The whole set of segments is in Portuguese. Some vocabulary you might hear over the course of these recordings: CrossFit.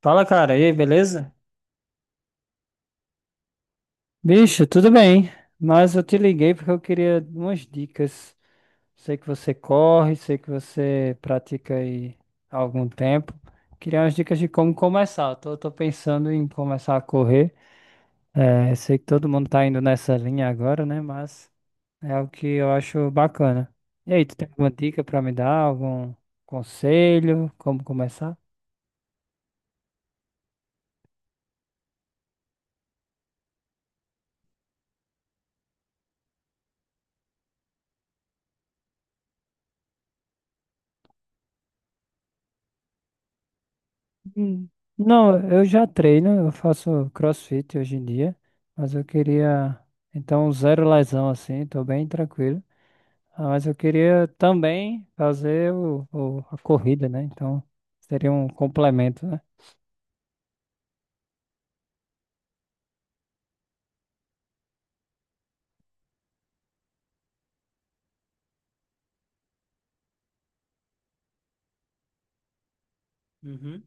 Fala, cara. E aí, beleza? Bicho, tudo bem. Mas eu te liguei porque eu queria umas dicas. Sei que você corre, sei que você pratica aí há algum tempo. Queria umas dicas de como começar. Eu tô pensando em começar a correr. É, sei que todo mundo tá indo nessa linha agora, né? Mas é o que eu acho bacana. E aí, tu tem alguma dica pra me dar? Algum conselho? Como começar? Hum. Não, eu já treino, eu faço CrossFit hoje em dia, mas eu queria, então, zero lesão assim, tô bem tranquilo. Ah, mas eu queria também fazer a corrida, né? Então, seria um complemento, né? Uhum,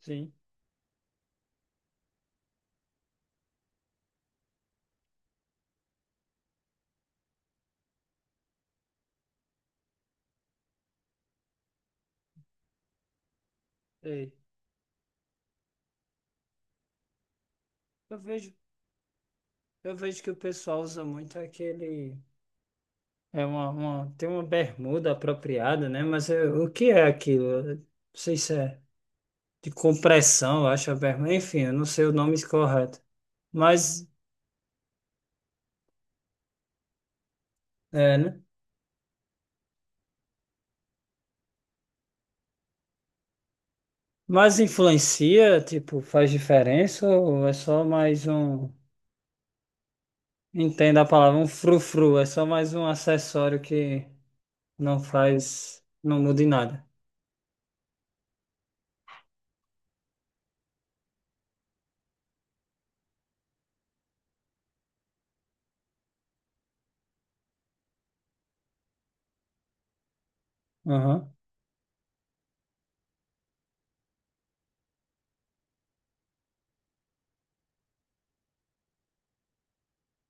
sim, sei. Eu vejo, eu vejo que o pessoal usa muito aquele. É tem uma bermuda apropriada, né? Mas o que é aquilo? Eu não sei, de compressão, eu acho a berma. Enfim, eu não sei o nome correto. Mas, é, né? Mas influencia, tipo, faz diferença ou é só mais um, entenda a palavra, um frufru, é só mais um acessório que não faz, não muda em nada. Aham.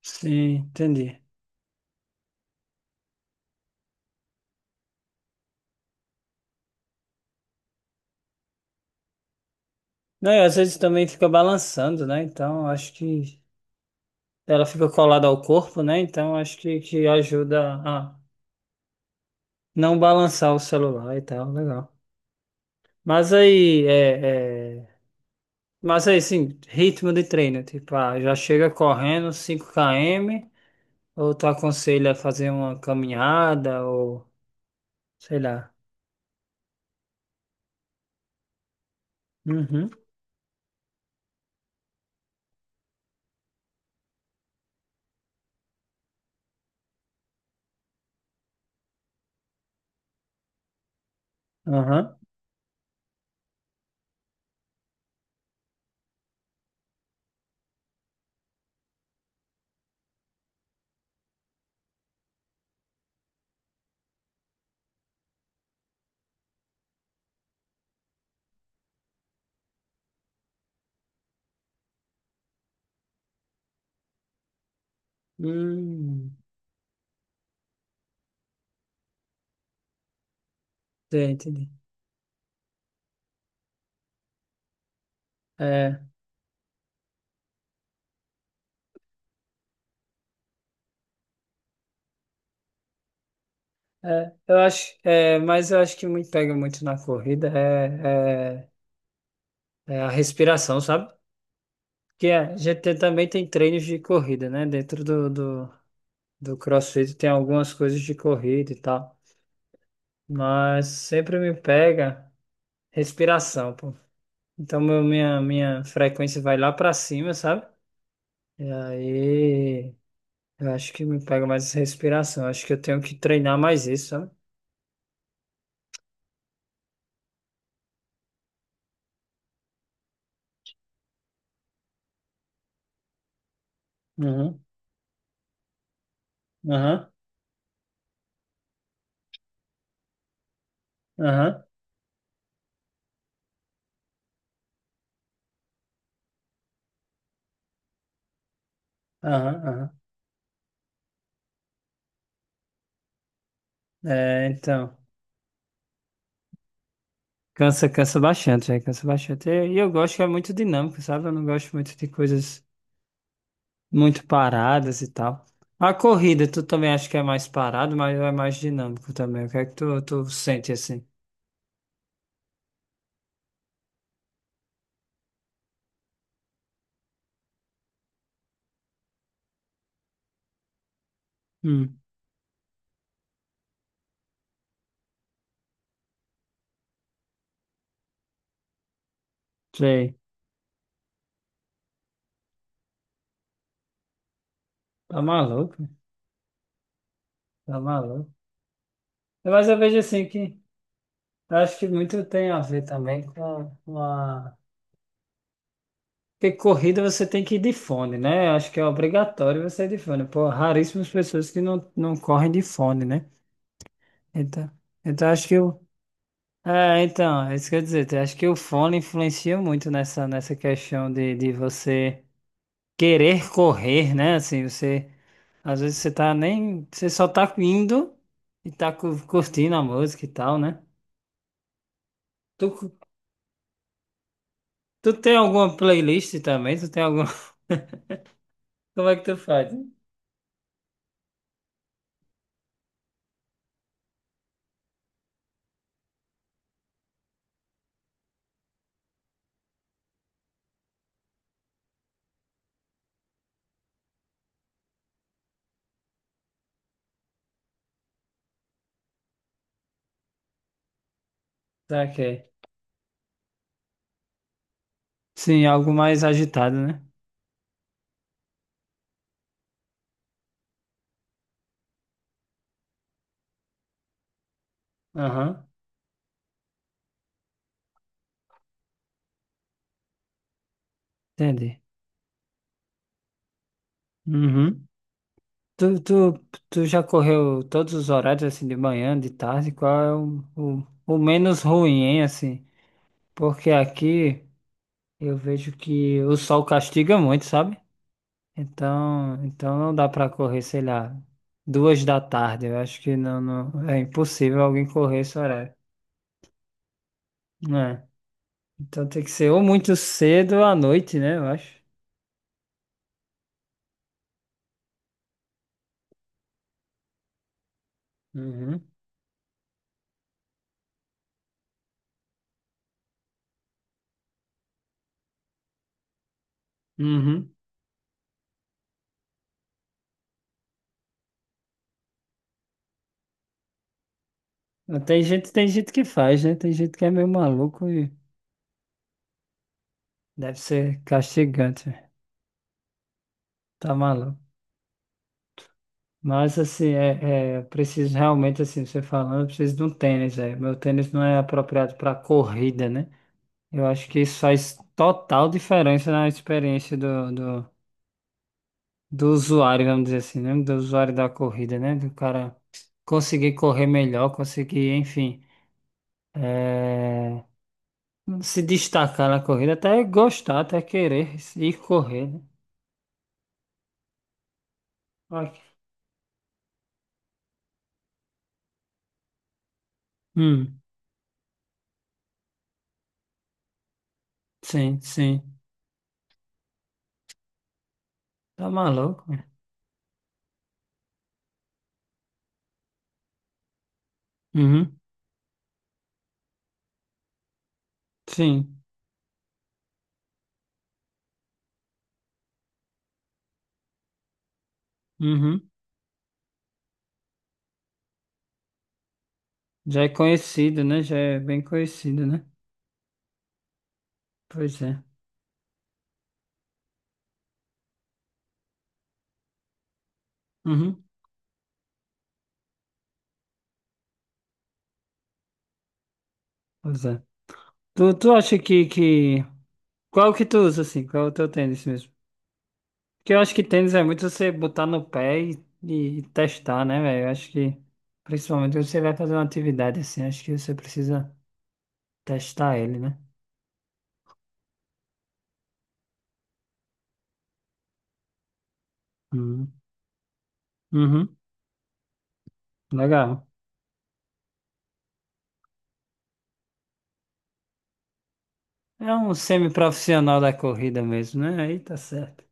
Sim, entendi. Não, e às vezes também fica balançando, né? Então, acho que ela fica colada ao corpo, né? Então, acho que ajuda a não balançar o celular e tal, legal. Mas aí, é, é, mas aí, sim, ritmo de treino, tipo, ah, já chega correndo 5 km, ou tu aconselha a fazer uma caminhada, ou sei lá. Uhum, aham. Hum, entendi. entendi. É, eu acho, mas eu acho que me pega muito na corrida é a respiração, sabe? Porque a gente também tem treinos de corrida, né? Dentro do, CrossFit tem algumas coisas de corrida e tal. Mas sempre me pega respiração, pô. Então minha frequência vai lá pra cima, sabe? E aí eu acho que me pega mais respiração. Acho que eu tenho que treinar mais isso, sabe? Uhum, aham, aham, aham, aham. É, então. Cansa, cansa bastante, velho, cansa bastante. E eu gosto que é muito dinâmico, sabe? Eu não gosto muito de coisas muito paradas e tal. A corrida, tu também acha que é mais parado, mas é mais dinâmico também. O que é que tu sente assim? Hum. Sei. Tá maluco, tá maluco. Mas eu vejo assim que eu acho que muito tem a ver também com porque corrida você tem que ir de fone, né? Acho que é obrigatório você ir de fone. Pô, raríssimas pessoas que não correm de fone, né? Então, então acho que o... É, então, é isso que eu ia dizer. Eu acho que o fone influencia muito nessa questão de você querer correr, né? Assim, você... Às vezes você tá nem... Você só tá indo e tá curtindo a música e tal, né? Tu, tu tem alguma playlist também? Tu tem alguma. Como é que tu faz? Saquei. Sim, algo mais agitado, né? Aham, entendi. Uhum. Tu, tu, tu já correu todos os horários, assim, de manhã, de tarde? Qual é o menos ruim, hein, assim? Porque aqui eu vejo que o sol castiga muito, sabe? Então não dá pra correr, sei lá, 2 da tarde. Eu acho que não, não, é impossível alguém correr esse horário. Né? Então tem que ser ou muito cedo ou à noite, né? Eu acho. Uhum, uhum. Mas tem gente, tem gente que faz, né? Tem gente que é meio maluco e deve ser castigante, né? Tá maluco. Mas assim, eu preciso realmente, assim, você falando, eu preciso de um tênis, velho. Meu tênis não é apropriado para corrida, né? Eu acho que isso faz total diferença na experiência do, usuário, vamos dizer assim, né? Do usuário da corrida, né? Do cara conseguir correr melhor, conseguir, enfim. é, Se destacar na corrida, até gostar, até querer ir correr, né? Olha. Hum, sim, sim. Tá maluco, né? Uhum, sim. Uhum. Já é conhecido, né? Já é bem conhecido, né? Pois é. Uhum, pois é. Tu acha qual que tu usa, assim? Qual é o teu tênis mesmo? Porque eu acho que tênis é muito você botar no pé e testar, né, velho? Eu acho que, principalmente, quando você vai fazer uma atividade assim, acho que você precisa testar ele, né? Uhum. Uhum. Legal. É um semi-profissional da corrida mesmo, né? Aí tá certo.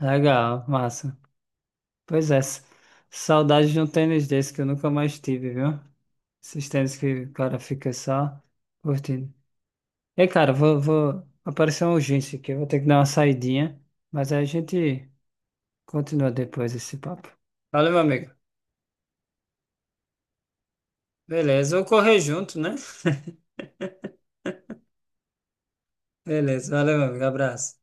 Legal, massa. Pois é, saudade de um tênis desse que eu nunca mais tive, viu? Esses tênis que o cara fica só curtindo. Ei, cara, aparecer uma urgência aqui, eu vou ter que dar uma saidinha, mas aí a gente continua depois esse papo. Valeu, meu amigo. Beleza, eu correr junto, né? Beleza, valeu, meu amigo. Abraço.